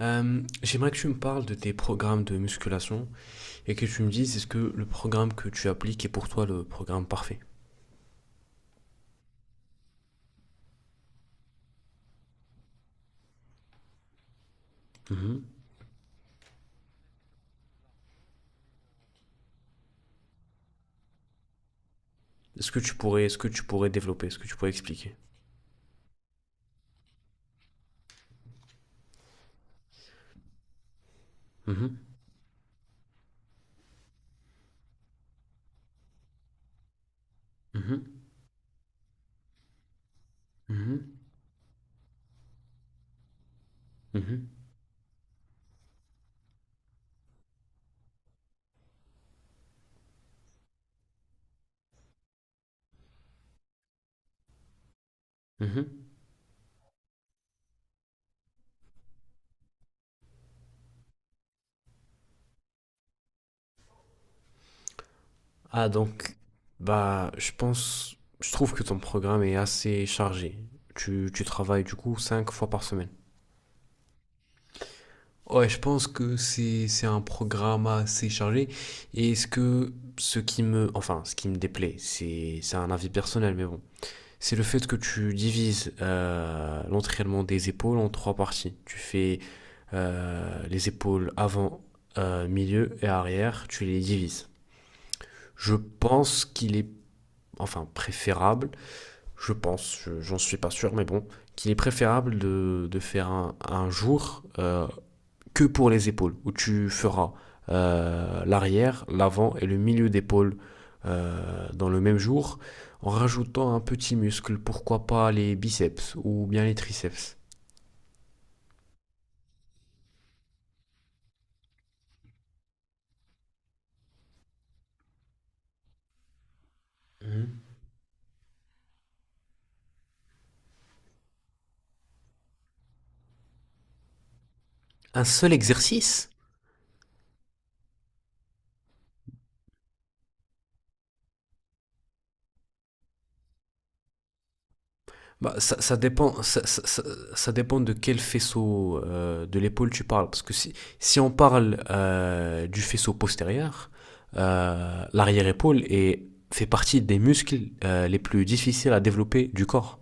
J'aimerais que tu me parles de tes programmes de musculation et que tu me dises, est-ce que le programme que tu appliques est pour toi le programme parfait? Mhm. Est-ce que tu pourrais, développer, est-ce que tu pourrais expliquer? Mhm. Mhm. Mhm. Mhm. Mhm. Ah, donc, bah, je pense, je trouve que ton programme est assez chargé. Tu travailles du coup cinq fois par semaine. Ouais, je pense que c'est un programme assez chargé. Et ce que ce qui me enfin, ce qui me déplaît, c'est un avis personnel, mais bon, c'est le fait que tu divises l'entraînement des épaules en trois parties. Tu fais les épaules avant, milieu et arrière, tu les divises. Je pense qu'il est enfin préférable, je pense, j'en suis pas sûr, mais bon, qu'il est préférable de faire un jour que pour les épaules, où tu feras l'arrière, l'avant et le milieu d'épaule dans le même jour, en rajoutant un petit muscle, pourquoi pas les biceps ou bien les triceps. Mmh. Un seul exercice. Bah, ça dépend, ça- ça- ça dépend de quel faisceau de l'épaule tu parles. Parce que si on parle du faisceau postérieur, euh, l'arrière-épaule est- fait partie des muscles les plus difficiles à développer du corps.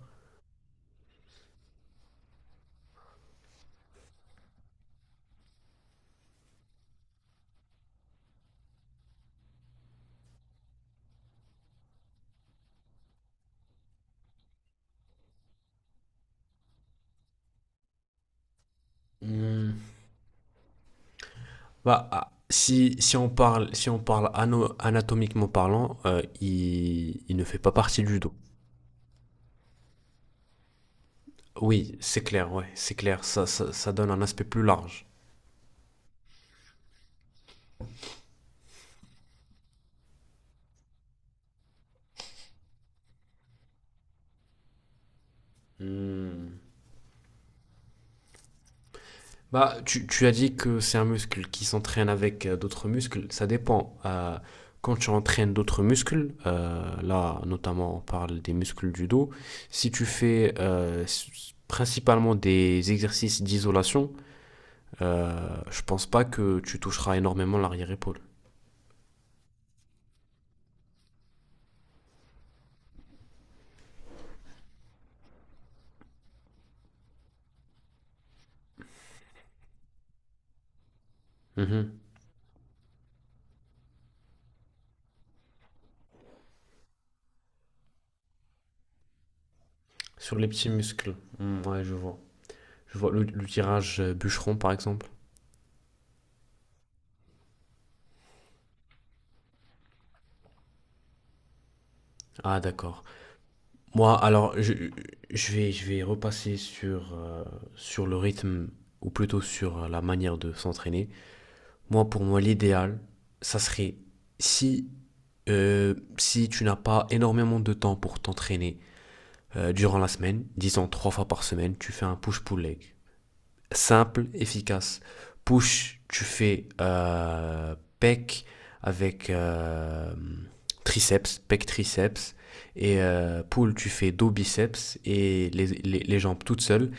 Hmm. Bah, ah, si on parle anatomiquement parlant, il ne fait pas partie du dos. Oui, c'est clair, ouais, c'est clair. Ça donne un aspect plus large. Hmm. Bah, tu as dit que c'est un muscle qui s'entraîne avec d'autres muscles. Ça dépend. Quand tu entraînes d'autres muscles, là, notamment, on parle des muscles du dos. Si tu fais principalement des exercices d'isolation, euh, je pense pas que tu toucheras énormément l'arrière-épaule. Mhm. Sur les petits muscles. Hmm, ouais, je vois. Je vois le tirage bûcheron, par exemple. Ah, d'accord. Moi, alors, je vais repasser sur le rythme, ou plutôt sur la manière de s'entraîner. Moi, pour moi, l'idéal, ça serait si, si tu n'as pas énormément de temps pour t'entraîner durant la semaine, disons trois fois par semaine, tu fais un push-pull leg simple, efficace. Push, tu fais pec avec triceps, pec triceps. Et pull, tu fais dos biceps et les jambes toutes seules,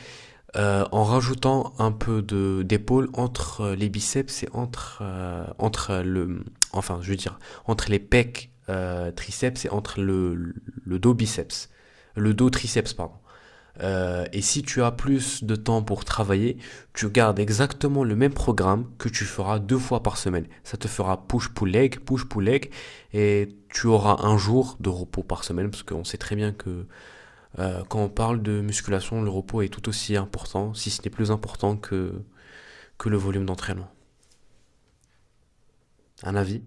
en rajoutant un peu de d'épaule entre les biceps et enfin, je veux dire, entre les pecs triceps et entre le dos biceps, le dos triceps pardon. Et si tu as plus de temps pour travailler, tu gardes exactement le même programme que tu feras deux fois par semaine. Ça te fera push-pull-leg, push-pull-leg, et tu auras un jour de repos par semaine, parce qu'on sait très bien que quand on parle de musculation, le repos est tout aussi important, si ce n'est plus important que le volume d'entraînement. Un avis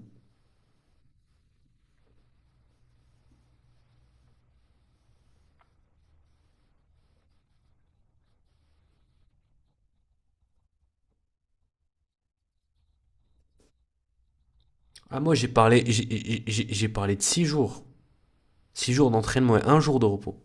Ah, moi j'ai parlé de 6 jours. 6 jours d'entraînement et un jour de repos.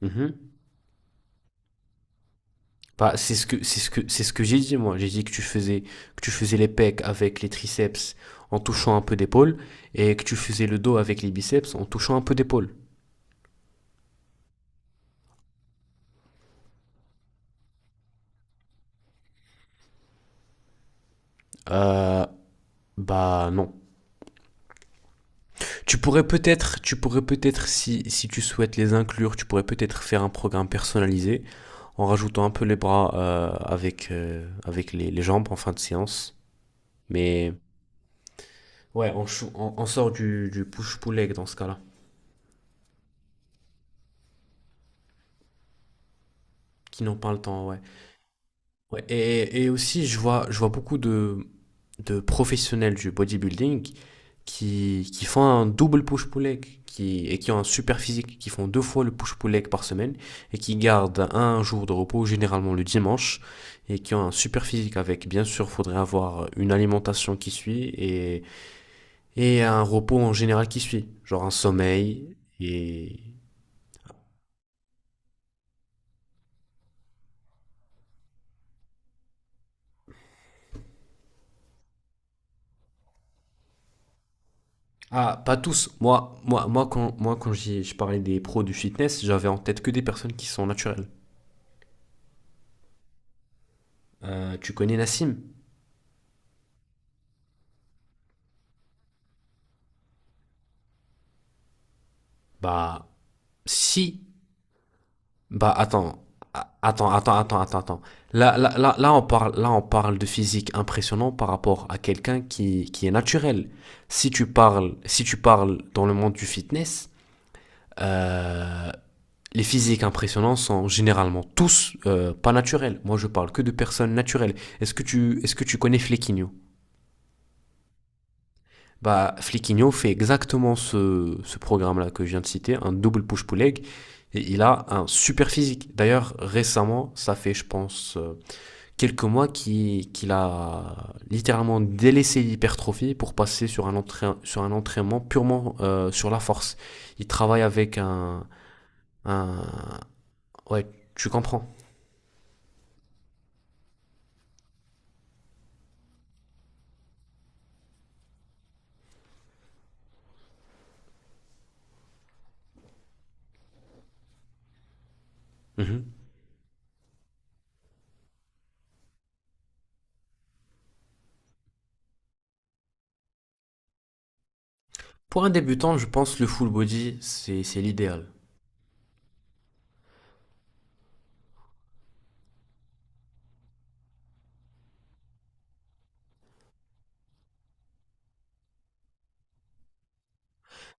Mhm. Bah, c'est ce que c'est ce que c'est ce que j'ai dit, moi. J'ai dit que tu faisais les pecs avec les triceps en touchant un peu d'épaule et que tu faisais le dos avec les biceps en touchant un peu d'épaule. Euh, Bah, non. Tu pourrais peut-être, si tu souhaites les inclure, tu pourrais peut-être faire un programme personnalisé en rajoutant un peu les bras avec les jambes en fin de séance. Mais ouais, on sort du push-pull leg dans ce cas-là. Qui n'en parle tant, ouais. Ouais, et aussi, je vois beaucoup de professionnels du bodybuilding qui font un double push-pull leg et qui ont un super physique, qui font deux fois le push-pull leg par semaine et qui gardent un jour de repos, généralement le dimanche, et qui ont un super physique avec. Bien sûr, faudrait avoir une alimentation qui suit et un repos en général qui suit, genre un sommeil et... Ah, pas tous. Moi, moi, moi, quand, moi, je parlais des pros du fitness, j'avais en tête que des personnes qui sont naturelles. Tu connais Nassim? Bah, si. Bah, attends. Attends, attends, attends, attends, attends. Là, là, là, là, on parle de physique impressionnant par rapport à quelqu'un qui est naturel. Si tu parles dans le monde du fitness, euh, les physiques impressionnants sont généralement tous pas naturels. Moi, je parle que de personnes naturelles. Est-ce que tu connais Flequinho? Bah, Fliquinho fait exactement ce programme-là que je viens de citer, un double push-pull leg, et il a un super physique. D'ailleurs, récemment, ça fait, je pense, quelques mois qu'il a littéralement délaissé l'hypertrophie pour passer sur un entraînement purement sur la force. Il travaille avec un... Ouais, tu comprends. Mhm. Pour un débutant, je pense que le full body, c'est l'idéal.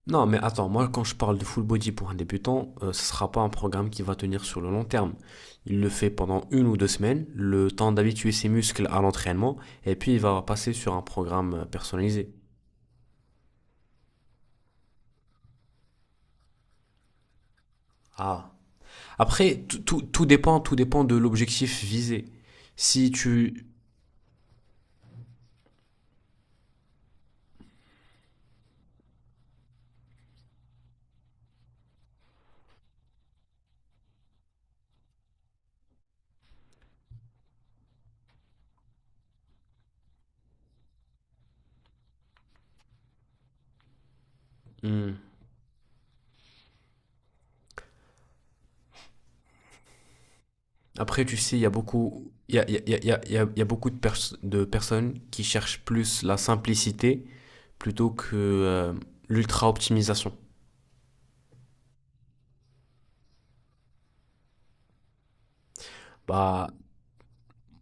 Non, mais attends, moi, quand je parle de full body pour un débutant, ce ne sera pas un programme qui va tenir sur le long terme. Il le fait pendant 1 ou 2 semaines, le temps d'habituer ses muscles à l'entraînement, et puis il va passer sur un programme personnalisé. Ah, après, tout dépend de l'objectif visé. Si tu... Hmm. Après, tu sais, il y a beaucoup de personnes qui cherchent plus la simplicité plutôt que l'ultra-optimisation. Bah,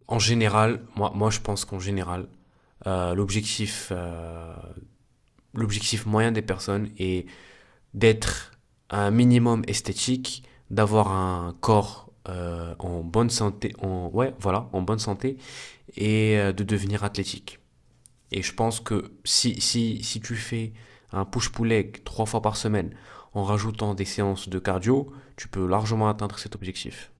en général, moi je pense qu'en général, euh, l'objectif, euh, l'objectif moyen des personnes est d'être un minimum esthétique, d'avoir un corps en bonne santé, ouais, voilà, en bonne santé, et de devenir athlétique. Et je pense que si tu fais un push-pull leg trois fois par semaine en rajoutant des séances de cardio, tu peux largement atteindre cet objectif.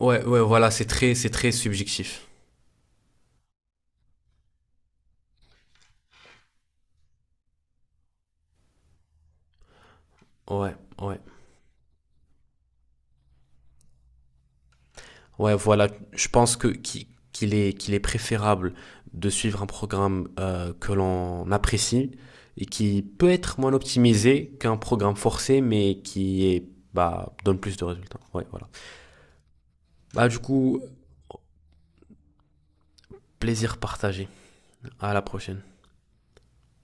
Ouais, ouais, voilà, c'est très subjectif. Ouais, ouais. Ouais, voilà, je pense que qui- qu'il est préférable de suivre un programme que l'on apprécie et qui peut être moins optimisé qu'un programme forcé, mais qui, est, bah, donne plus de résultats. Ouais, voilà. Bah, du coup, plaisir partagé. À la prochaine.